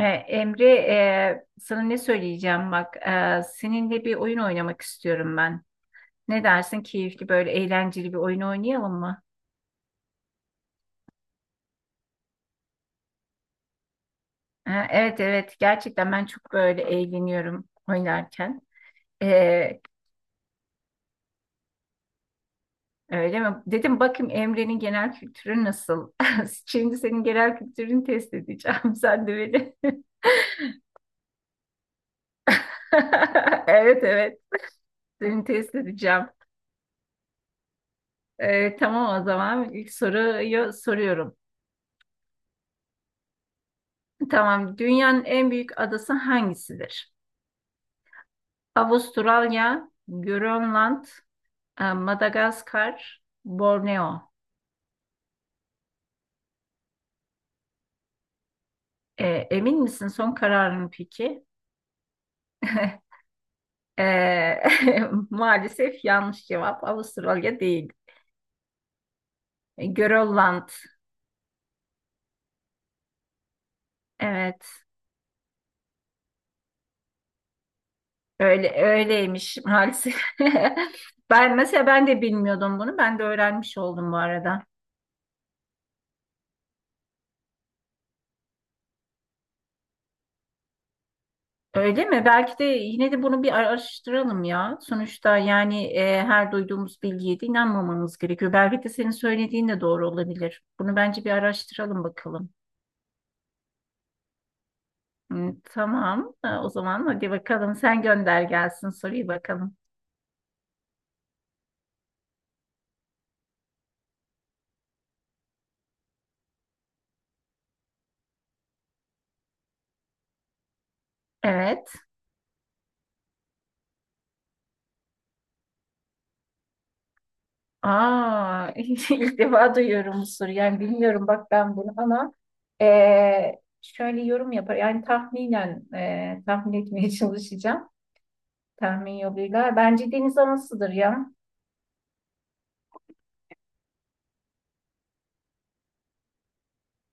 Emre, sana ne söyleyeceğim bak. Seninle bir oyun oynamak istiyorum ben. Ne dersin? Keyifli böyle eğlenceli bir oyun oynayalım mı? Evet, evet, gerçekten ben çok böyle eğleniyorum oynarken. E, Öyle mi? Dedim bakayım Emre'nin genel kültürü nasıl? Şimdi senin genel kültürünü test edeceğim. Sen de beni. Evet, evet, seni test edeceğim. Tamam o zaman ilk soruyu soruyorum. Tamam. Dünyanın en büyük adası hangisidir? Avustralya, Grönland, Madagaskar, Borneo. E, Emin misin? Son kararın peki? E, Maalesef yanlış cevap. Avustralya değil. Grönland. Evet. Öyle öyleymiş maalesef. Ben de bilmiyordum bunu. Ben de öğrenmiş oldum bu arada. Öyle mi? Belki de yine de bunu bir araştıralım ya. Sonuçta yani her duyduğumuz bilgiye de inanmamamız gerekiyor. Belki de senin söylediğin de doğru olabilir. Bunu bence bir araştıralım bakalım. Hı, tamam. O zaman hadi bakalım sen gönder gelsin soruyu bakalım. Evet. Aa, ilk defa duyuyorum bu soruyu. Yani bilmiyorum bak ben bunu ama e, şöyle yorum yapar. Yani tahminen tahmin etmeye çalışacağım. Tahmin yoluyla. Bence deniz anasıdır ya.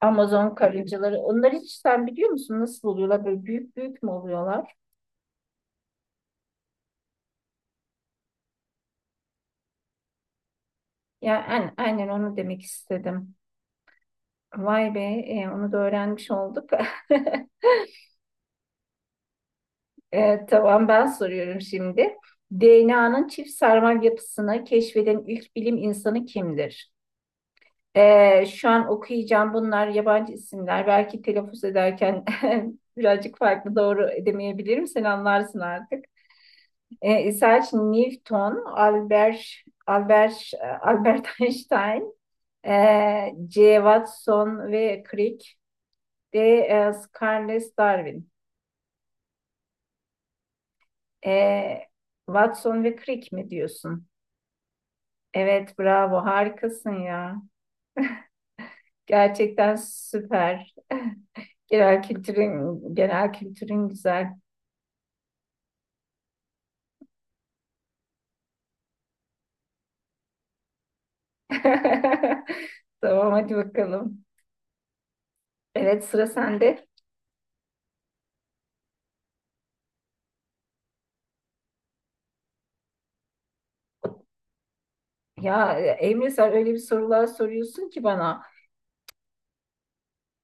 Amazon karıncaları. Onlar hiç sen biliyor musun nasıl oluyorlar? Böyle büyük büyük mü oluyorlar? Ya yani, aynen onu demek istedim. Vay be, onu da öğrenmiş olduk. Tamam ben soruyorum şimdi. DNA'nın çift sarmal yapısını keşfeden ilk bilim insanı kimdir? Şu an okuyacağım bunlar yabancı isimler. Belki telaffuz ederken birazcık farklı doğru edemeyebilirim. Sen anlarsın artık. Isaac Newton, Albert Einstein, J. Watson ve Crick, de e, Charles Darwin. E, Watson ve Crick mi diyorsun? Evet, bravo, harikasın ya. Gerçekten süper. Genel kültürün güzel. Tamam, hadi bakalım. Evet, sıra sende. Ya Emre sen öyle bir sorular soruyorsun ki bana.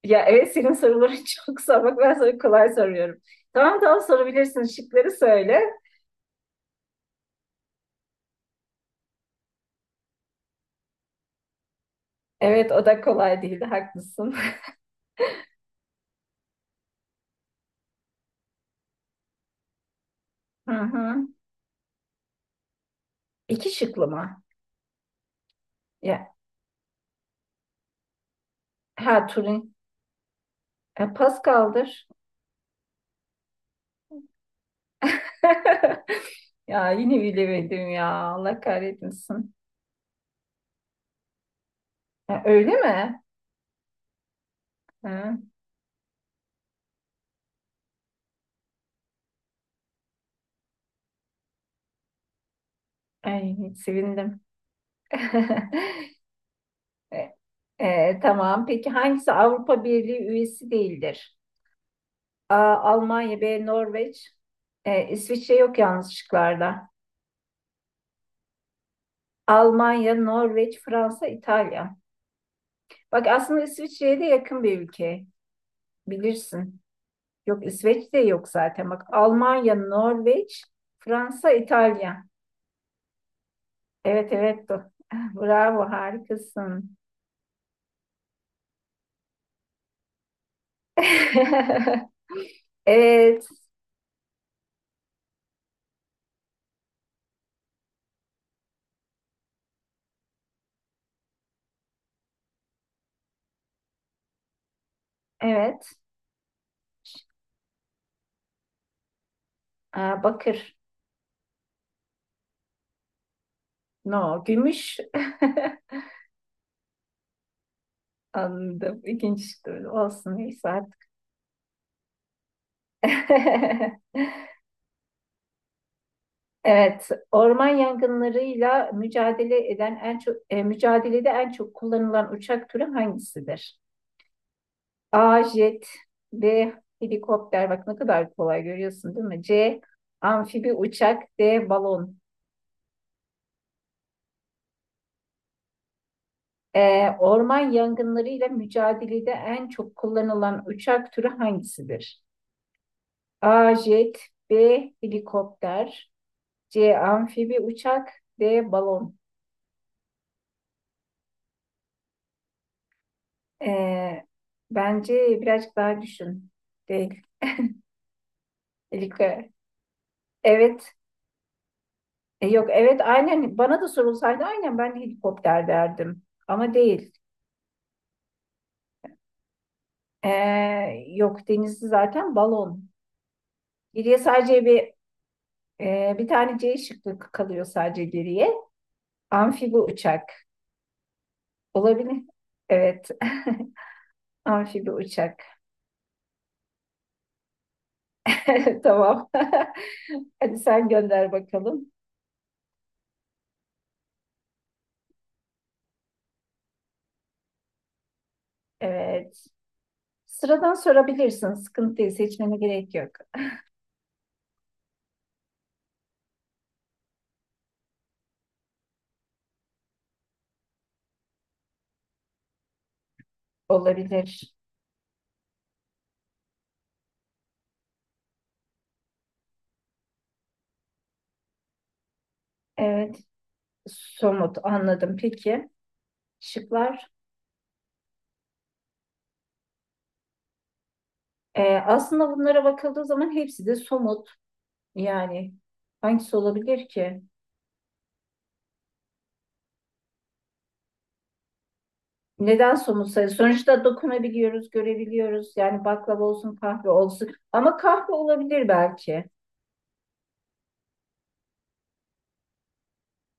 Ya evet senin soruların çok zor. Bak ben sana kolay soruyorum. Tamam, tamam, sorabilirsin. Şıkları söyle. Evet o da kolay değildi. Haklısın. Hı hı. İki şıklı mı? Ya, ha, Turing. Pascal'dır. Ya yine bilemedim ya. Allah kahretmesin. Ha, öyle mi? Ha. Ay, sevindim. E, tamam. Peki hangisi Avrupa Birliği üyesi değildir? A. Almanya B. Norveç İsviçre yok yalnız şıklarda. Almanya, Norveç, Fransa, İtalya. Bak aslında İsviçre'ye de yakın bir ülke. Bilirsin. Yok, İsveç de yok zaten. Bak Almanya, Norveç, Fransa, İtalya. Evet, evet. Bravo, harikasın. Evet. Evet. Aa, bakır. No. Gümüş. Anladım. İkinci tur olsun. Neyse artık. Evet, orman yangınlarıyla mücadelede en çok kullanılan uçak türü hangisidir? A. Jet B. Helikopter. Bak ne kadar kolay görüyorsun, değil mi? C. Amfibi uçak D. Balon. Orman yangınlarıyla mücadelede en çok kullanılan uçak türü hangisidir? A. Jet B. Helikopter C. Amfibi uçak D. Balon. E, Bence birazcık daha düşün. D. Helikopter. Evet. Yok, evet, aynen bana da sorulsaydı aynen ben de helikopter derdim. Ama değil. E, Yok, denizli zaten balon. Geriye sadece bir tane C şıkkı kalıyor sadece geriye. Amfibi uçak. Olabilir. Evet. Amfibi uçak. Tamam. Hadi sen gönder bakalım. Evet. Sıradan sorabilirsin. Sıkıntı değil. Seçmene gerek yok. Olabilir. Evet. Somut, anladım. Peki. Şıklar. Aslında bunlara bakıldığı zaman hepsi de somut. Yani hangisi olabilir ki? Neden somut sayı? Sonuçta dokunabiliyoruz, görebiliyoruz. Yani baklava olsun, kahve olsun. Ama kahve olabilir belki.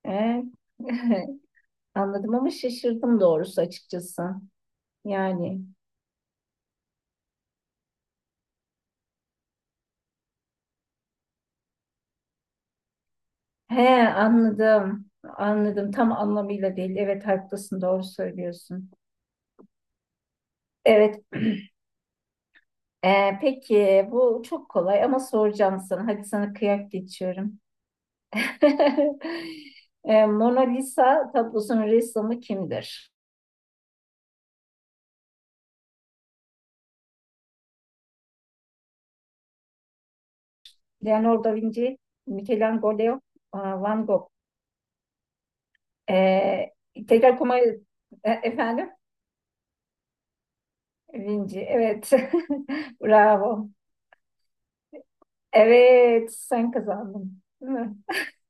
Ee, Anladım ama şaşırdım doğrusu, açıkçası. Yani he, anladım. Anladım. Tam anlamıyla değil. Evet, haklısın. Doğru söylüyorsun. Evet. Peki bu çok kolay ama soracağım sana. Hadi sana kıyak geçiyorum. Mona Lisa tablosunun ressamı kimdir? Leonardo da Vinci, Michelangelo, aa, Van Gogh. E, Tekrar kuma, efendim? Vinci, evet. Bravo. Evet, sen kazandın. Değil mi?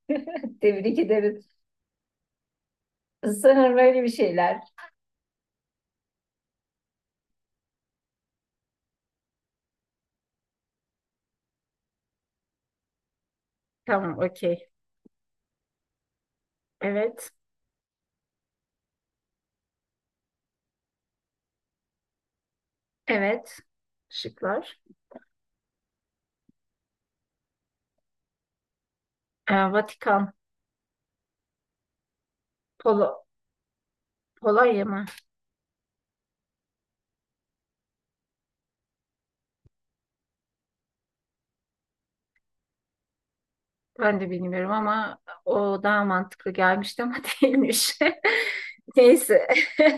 Tebrik ederim. Sanırım öyle bir şeyler. Tamam, okey. Evet, evet. Şıklar. Vatikan, Polo, Polonya mı? Ben de bilmiyorum ama o daha mantıklı gelmişti ama değilmiş. Neyse.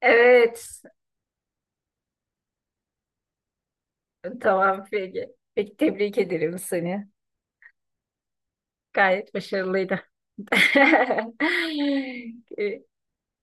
Evet. Tamam, peki. Peki, tebrik ederim seni. Gayet başarılıydı. Ee,